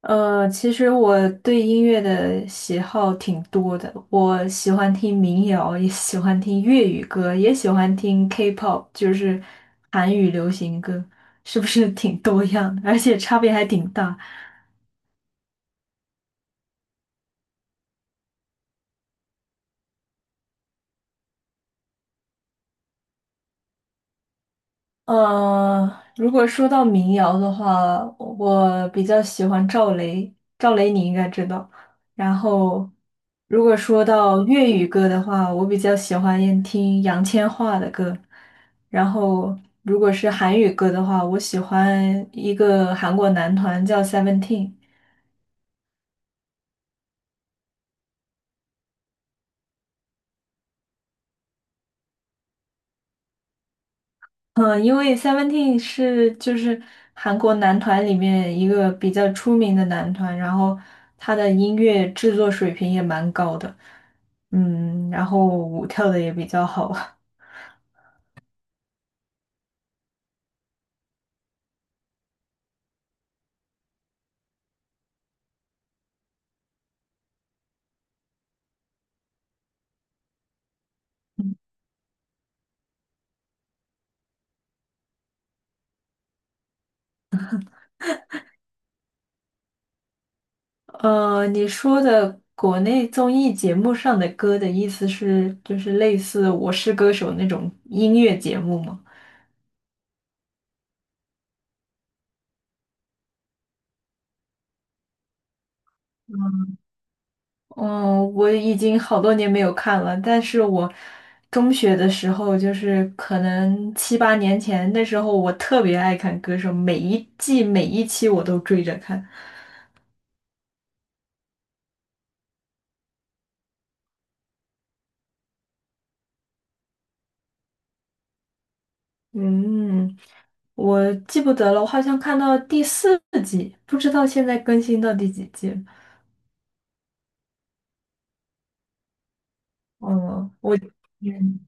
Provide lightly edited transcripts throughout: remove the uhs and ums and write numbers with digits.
其实我对音乐的喜好挺多的，我喜欢听民谣，也喜欢听粤语歌，也喜欢听 K-pop，就是韩语流行歌，是不是挺多样的？而且差别还挺大。呃，如果说到民谣的话，我比较喜欢赵雷，赵雷你应该知道。然后，如果说到粤语歌的话，我比较喜欢听杨千嬅的歌。然后，如果是韩语歌的话，我喜欢一个韩国男团叫 Seventeen。嗯，因为 Seventeen 就是韩国男团里面一个比较出名的男团，然后他的音乐制作水平也蛮高的，然后舞跳的也比较好。你说的国内综艺节目上的歌的意思是，就是类似《我是歌手》那种音乐节目吗？嗯，我已经好多年没有看了，但是我中学的时候，就是可能七八年前，那时候我特别爱看《歌手》，每一季每一期我都追着看。嗯，我记不得了，我好像看到第四季，不知道现在更新到第几季了。嗯，我。嗯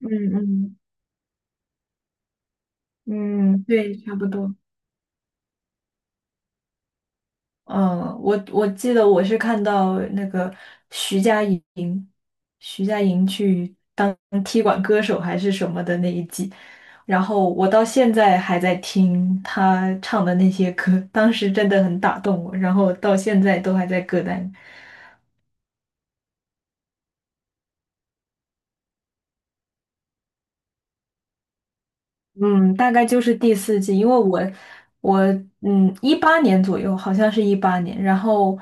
嗯嗯。嗯，对，差不多。嗯，我记得我是看到那个徐佳莹，徐佳莹去当踢馆歌手还是什么的那一季，然后我到现在还在听她唱的那些歌，当时真的很打动我，然后到现在都还在歌单。嗯，大概就是第四季，因为我一八年左右，好像是一八年，然后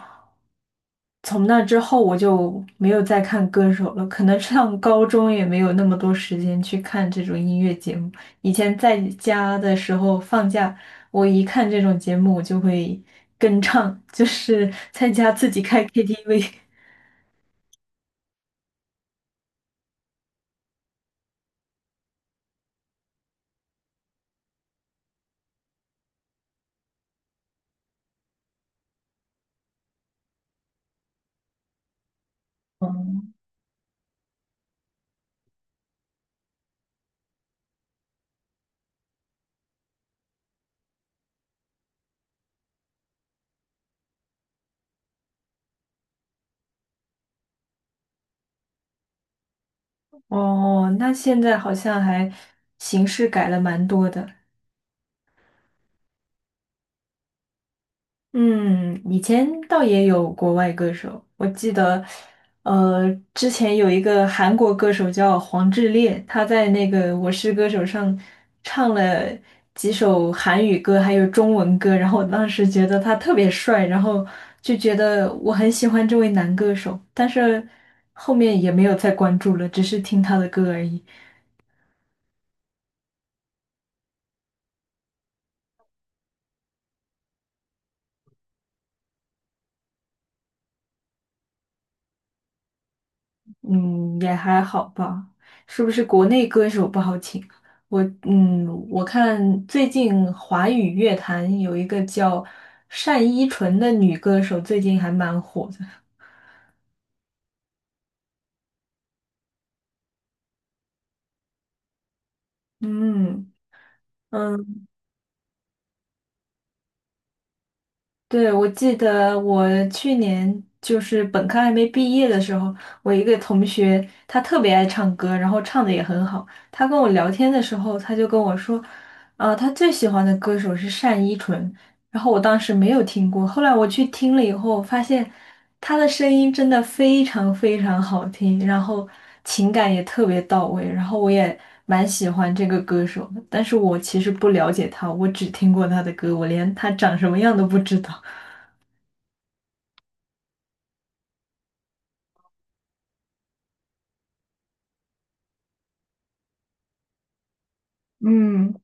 从那之后我就没有再看歌手了，可能上高中也没有那么多时间去看这种音乐节目。以前在家的时候放假，我一看这种节目，我就会跟唱，就是在家自己开 KTV。哦，那现在好像还形式改了蛮多的。嗯，以前倒也有国外歌手，我记得，之前有一个韩国歌手叫黄致列，他在那个《我是歌手》上唱了几首韩语歌，还有中文歌，然后我当时觉得他特别帅，然后就觉得我很喜欢这位男歌手，但是后面也没有再关注了，只是听他的歌而已。嗯，也还好吧。是不是国内歌手不好请？我看最近华语乐坛有一个叫单依纯的女歌手，最近还蛮火的。嗯。嗯。对，我记得我去年就是本科还没毕业的时候，我一个同学他特别爱唱歌，然后唱的也很好。他跟我聊天的时候，他就跟我说，啊、他最喜欢的歌手是单依纯。然后我当时没有听过，后来我去听了以后，发现他的声音真的非常非常好听，然后情感也特别到位，然后我也蛮喜欢这个歌手的。但是我其实不了解他，我只听过他的歌，我连他长什么样都不知道。嗯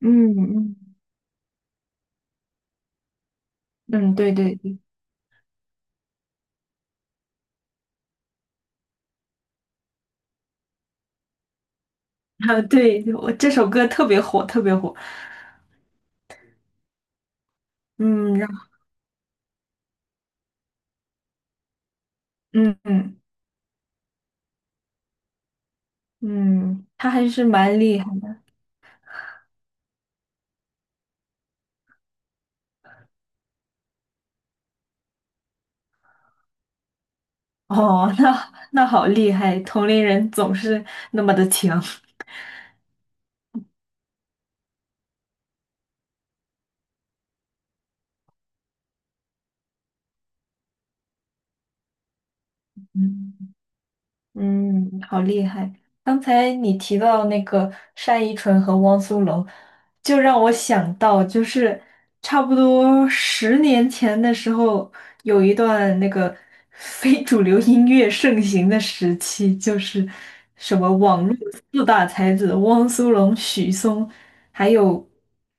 嗯嗯嗯。对对对。啊，对，我这首歌特别火，特别火。嗯，然后嗯嗯嗯，他还是蛮厉害的。哦，那好厉害，同龄人总是那么的强。嗯。嗯，好厉害！刚才你提到那个单依纯和汪苏泷，就让我想到，就是差不多十年前的时候，有一段那个非主流音乐盛行的时期，就是什么网络四大才子汪苏泷、许嵩，还有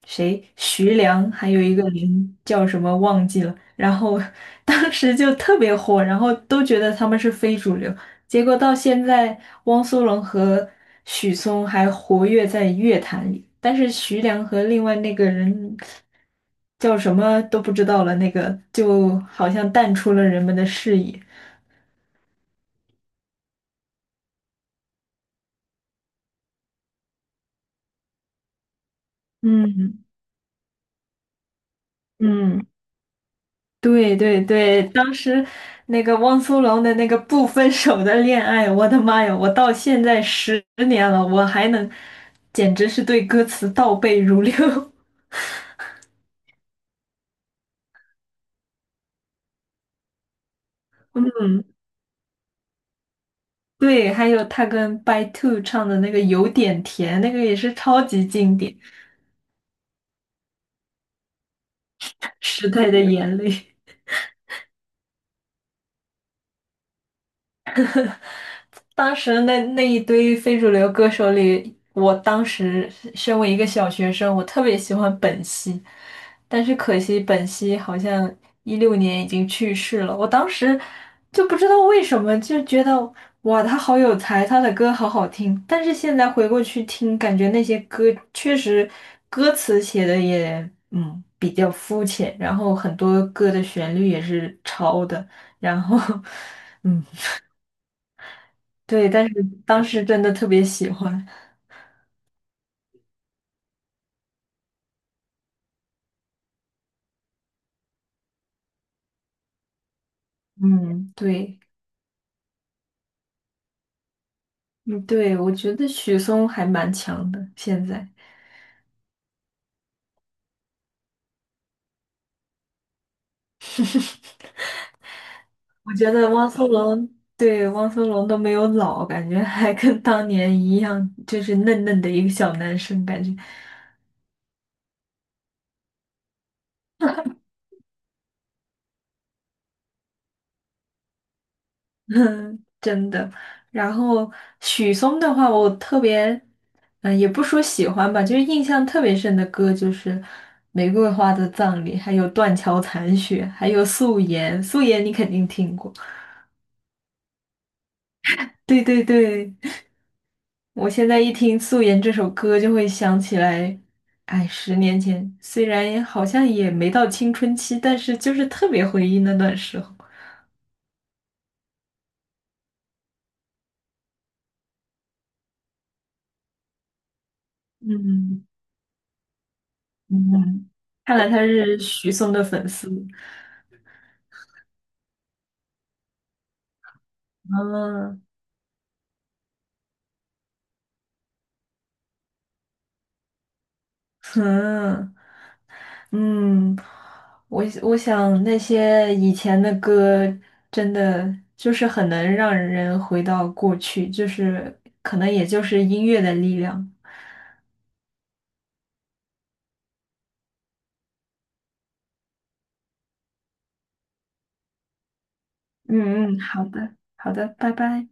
谁？徐良，还有一个人叫什么忘记了。然后 当时就特别火，然后都觉得他们是非主流。结果到现在，汪苏泷和许嵩还活跃在乐坛里，但是徐良和另外那个人叫什么都不知道了，那个就好像淡出了人们的视野。嗯嗯，对对对，当时那个汪苏泷的那个不分手的恋爱，我的妈呀，我到现在10年了，我还能，简直是对歌词倒背如流。对，还有他跟 By Two 唱的那个有点甜，那个也是超级经典，《时代的眼泪》。当时那一堆非主流歌手里，我当时身为一个小学生，我特别喜欢本兮，但是可惜本兮好像2016年已经去世了。我当时就不知道为什么，就觉得哇，他好有才，他的歌好好听。但是现在回过去听，感觉那些歌确实歌词写的也比较肤浅，然后很多歌的旋律也是抄的，然后 嗯。对，但是当时真的特别喜欢。嗯，对。嗯，对，我觉得许嵩还蛮强的。现在我觉得汪苏泷，对，汪苏泷都没有老，感觉还跟当年一样，就是嫩嫩的一个小男生，感觉。嗯，真的。然后许嵩的话，我特别，也不说喜欢吧，就是印象特别深的歌就是《玫瑰花的葬礼》，还有《断桥残雪》，还有《素颜》，《素颜》你肯定听过。对对对，我现在一听《素颜》这首歌，就会想起来，哎，十年前，虽然好像也没到青春期，但是就是特别回忆那段时候。嗯嗯，看来他是许嵩的粉丝。嗯嗯嗯，我想那些以前的歌，真的就是很能让人回到过去，就是可能也就是音乐的力量。嗯嗯，好的，好的，拜拜。